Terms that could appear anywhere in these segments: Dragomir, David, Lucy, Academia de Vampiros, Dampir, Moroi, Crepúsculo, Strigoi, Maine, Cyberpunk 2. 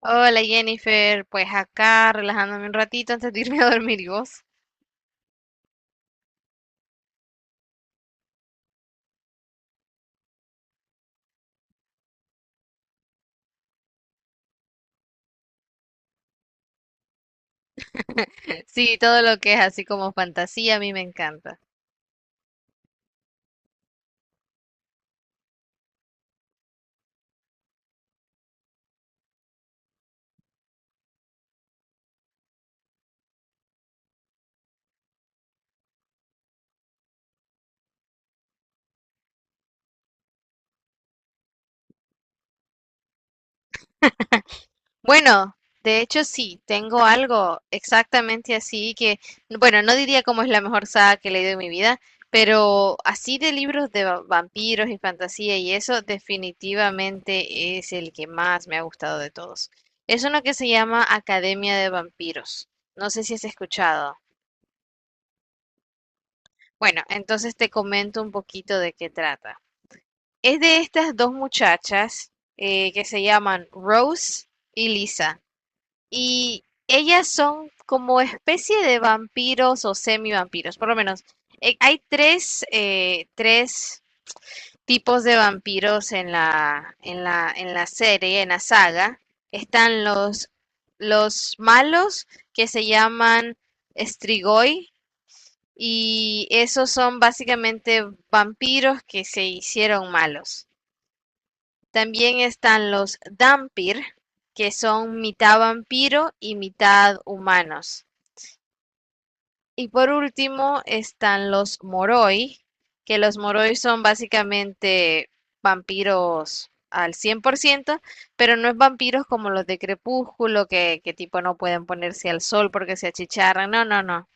Hola Jennifer, pues acá relajándome un ratito antes de irme a dormir y vos. Sí, todo lo que es así como fantasía a mí me encanta. Bueno, de hecho sí, tengo algo exactamente así que, bueno, no diría cómo es la mejor saga que he leído en mi vida, pero así de libros de vampiros y fantasía y eso definitivamente es el que más me ha gustado de todos. Es uno que se llama Academia de Vampiros. No sé si has escuchado. Bueno, entonces te comento un poquito de qué trata. Es de estas dos muchachas que se llaman Rose y Lisa. Y ellas son como especie de vampiros o semivampiros, por lo menos. Hay tres, tres tipos de vampiros en la serie, en la saga. Están los malos que se llaman Strigoi, y esos son básicamente vampiros que se hicieron malos. También están los Dampir, que son mitad vampiro y mitad humanos. Y por último están los Moroi, que los Moroi son básicamente vampiros al 100%, pero no es vampiros como los de Crepúsculo, que tipo no pueden ponerse al sol porque se achicharran. No, no, no.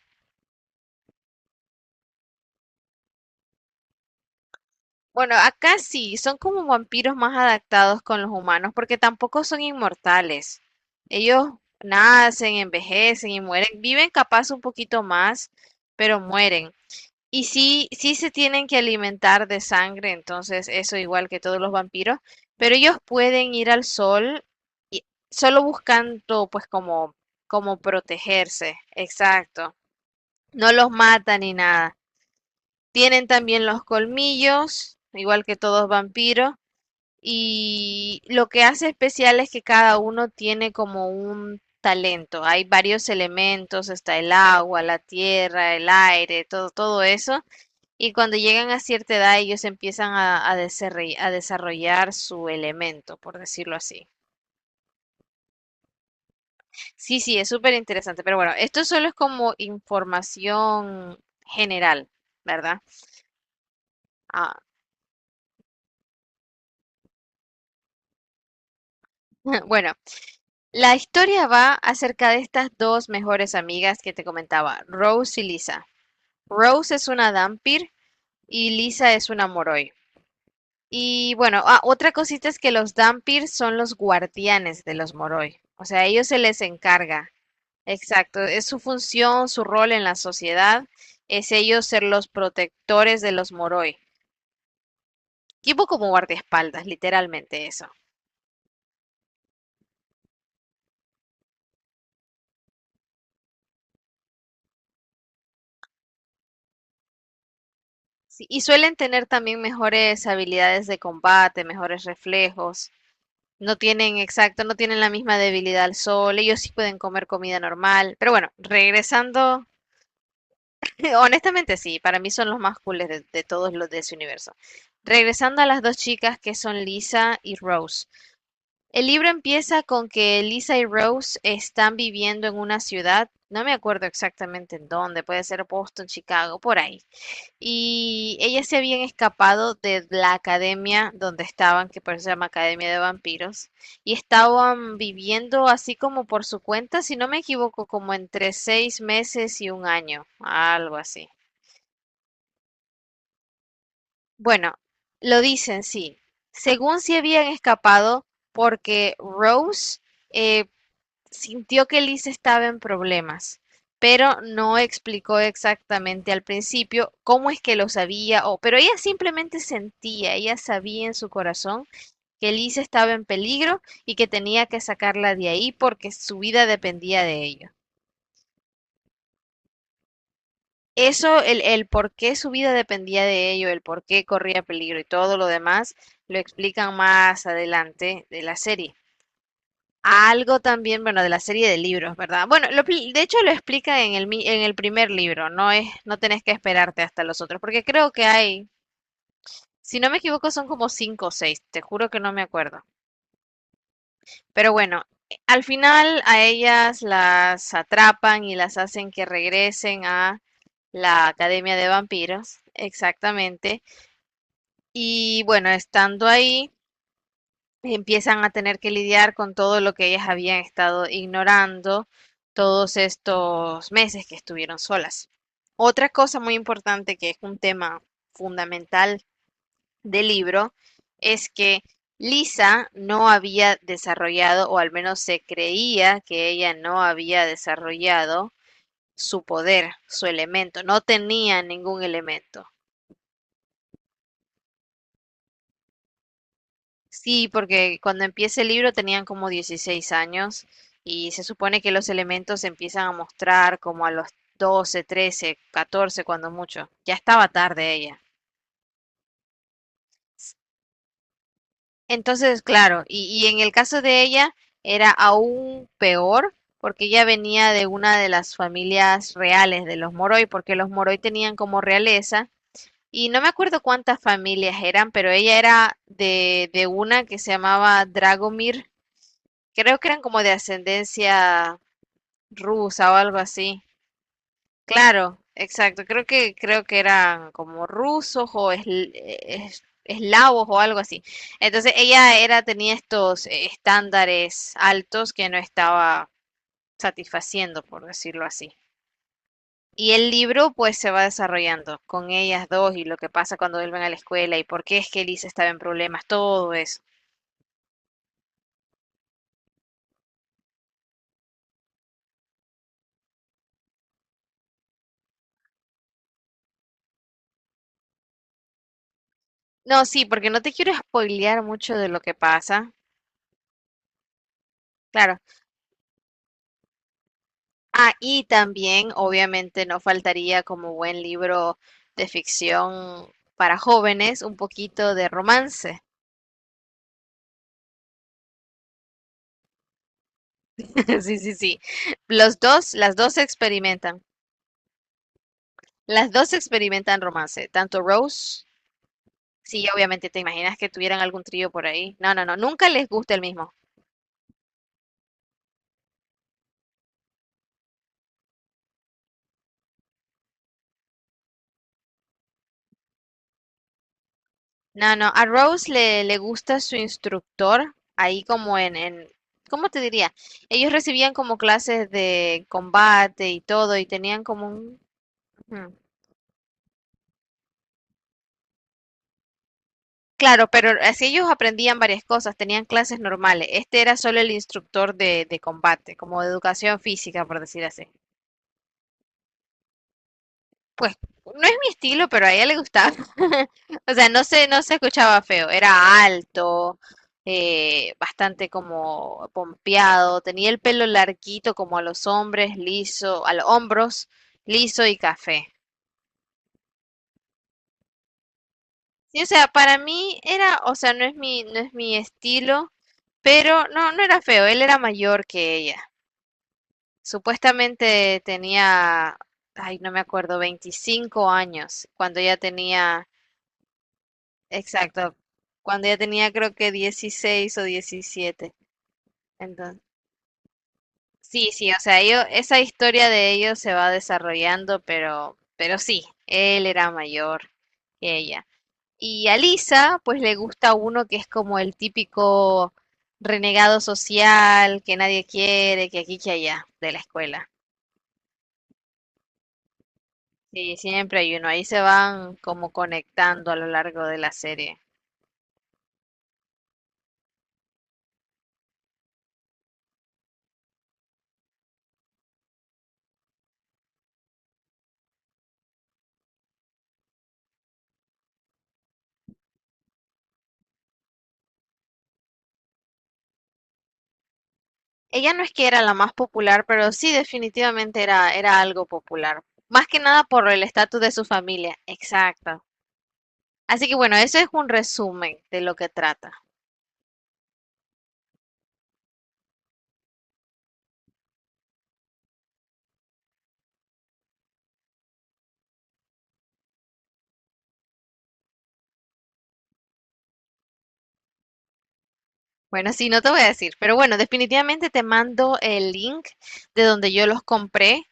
Bueno, acá sí, son como vampiros más adaptados con los humanos, porque tampoco son inmortales. Ellos nacen, envejecen y mueren. Viven capaz un poquito más, pero mueren. Y sí, sí se tienen que alimentar de sangre, entonces eso igual que todos los vampiros, pero ellos pueden ir al sol y solo buscando pues como protegerse. Exacto. No los matan ni nada. Tienen también los colmillos, igual que todos vampiros, y lo que hace especial es que cada uno tiene como un talento. Hay varios elementos, está el agua, la tierra, el aire, todo, todo eso. Y cuando llegan a cierta edad, ellos empiezan a desarrollar su elemento, por decirlo así. Sí, sí, es súper interesante. Pero bueno, esto solo es como información general, ¿verdad? Ah, bueno, la historia va acerca de estas dos mejores amigas que te comentaba, Rose y Lisa. Rose es una Dampir y Lisa es una Moroi. Y bueno, ah, otra cosita es que los Dampir son los guardianes de los Moroi. O sea, a ellos se les encarga. Exacto, es su función, su rol en la sociedad, es ellos ser los protectores de los Moroi. Tipo como guardaespaldas, literalmente eso. Sí, y suelen tener también mejores habilidades de combate, mejores reflejos. No tienen, exacto, no tienen la misma debilidad al sol, ellos sí pueden comer comida normal. Pero bueno, regresando, honestamente sí, para mí son los más cooles de todos los de ese universo. Regresando a las dos chicas que son Lisa y Rose. El libro empieza con que Lisa y Rose están viviendo en una ciudad, no me acuerdo exactamente en dónde, puede ser Boston, Chicago, por ahí. Y ellas se habían escapado de la academia donde estaban, que por eso se llama Academia de Vampiros, y estaban viviendo así como por su cuenta, si no me equivoco, como entre seis meses y un año, algo así. Bueno, lo dicen, sí. Según se habían escapado porque Rose eh, sintió que Liz estaba en problemas, pero no explicó exactamente al principio cómo es que lo sabía, o, pero ella simplemente sentía, ella sabía en su corazón que Liz estaba en peligro y que tenía que sacarla de ahí porque su vida dependía de ello. Eso, el por qué su vida dependía de ello, el por qué corría peligro y todo lo demás, lo explican más adelante de la serie. Algo también, bueno, de la serie de libros, ¿verdad? Bueno, de hecho lo explica en en el primer libro, no es, no tenés que esperarte hasta los otros, porque creo que hay, si no me equivoco, son como cinco o seis, te juro que no me acuerdo. Pero bueno, al final a ellas las atrapan y las hacen que regresen a la Academia de Vampiros, exactamente. Y bueno, estando ahí, empiezan a tener que lidiar con todo lo que ellas habían estado ignorando todos estos meses que estuvieron solas. Otra cosa muy importante que es un tema fundamental del libro es que Lisa no había desarrollado, o al menos se creía que ella no había desarrollado su poder, su elemento, no tenía ningún elemento. Sí, porque cuando empieza el libro tenían como 16 años y se supone que los elementos se empiezan a mostrar como a los 12, 13, 14 cuando mucho. Ya estaba tarde ella. Entonces, claro, y en el caso de ella era aún peor porque ella venía de una de las familias reales de los Moroi, porque los Moroi tenían como realeza, y no me acuerdo cuántas familias eran, pero ella era de una que se llamaba Dragomir. Creo que eran como de ascendencia rusa o algo así. Claro, exacto. Creo que eran como rusos o eslavos o algo así. Entonces ella era tenía estos estándares altos que no estaba satisfaciendo, por decirlo así. Y el libro pues se va desarrollando con ellas dos y lo que pasa cuando vuelven a la escuela y por qué es que Elisa estaba en problemas, todo eso. No, sí, porque no te quiero spoilear mucho de lo que pasa. Claro, ah, y también, obviamente, no faltaría como buen libro de ficción para jóvenes, un poquito de romance. Sí, sí, sí. Las dos experimentan, romance, tanto Rose, sí, obviamente, te imaginas que tuvieran algún trío por ahí. No, no, no, nunca les gusta el mismo. No, no, a Rose le gusta su instructor, ahí como ¿cómo te diría? Ellos recibían como clases de combate y todo, y tenían como un... ujú. Claro, pero así ellos aprendían varias cosas, tenían clases normales. Este era solo el instructor de combate, como de educación física, por decir así. Pues no es mi estilo, pero a ella le gustaba. O sea, no se escuchaba feo, era alto, bastante como pompeado, tenía el pelo larguito como a los hombres, liso, a los hombros, liso y café. Sí, o sea, para mí era, o sea, no es mi estilo, pero no, no era feo, él era mayor que ella. Supuestamente tenía, ay, no me acuerdo, 25 años, cuando ella tenía, exacto, cuando ella tenía creo que 16 o 17. Entonces, sí, sí, o sea, esa historia de ellos se va desarrollando, pero sí, él era mayor que ella. Y a Lisa, pues le gusta uno que es como el típico renegado social, que nadie quiere, que aquí, que allá, de la escuela. Sí, siempre hay uno. Ahí se van como conectando a lo largo de la serie. Ella no es que era la más popular, pero sí definitivamente era algo popular. Más que nada por el estatus de su familia. Exacto. Así que bueno, eso es un resumen de lo que trata. Bueno, sí, no te voy a decir, pero bueno, definitivamente te mando el link de donde yo los compré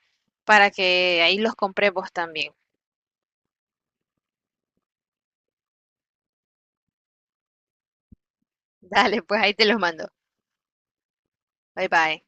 para que ahí los compré vos también. Dale, pues ahí te los mando. Bye bye.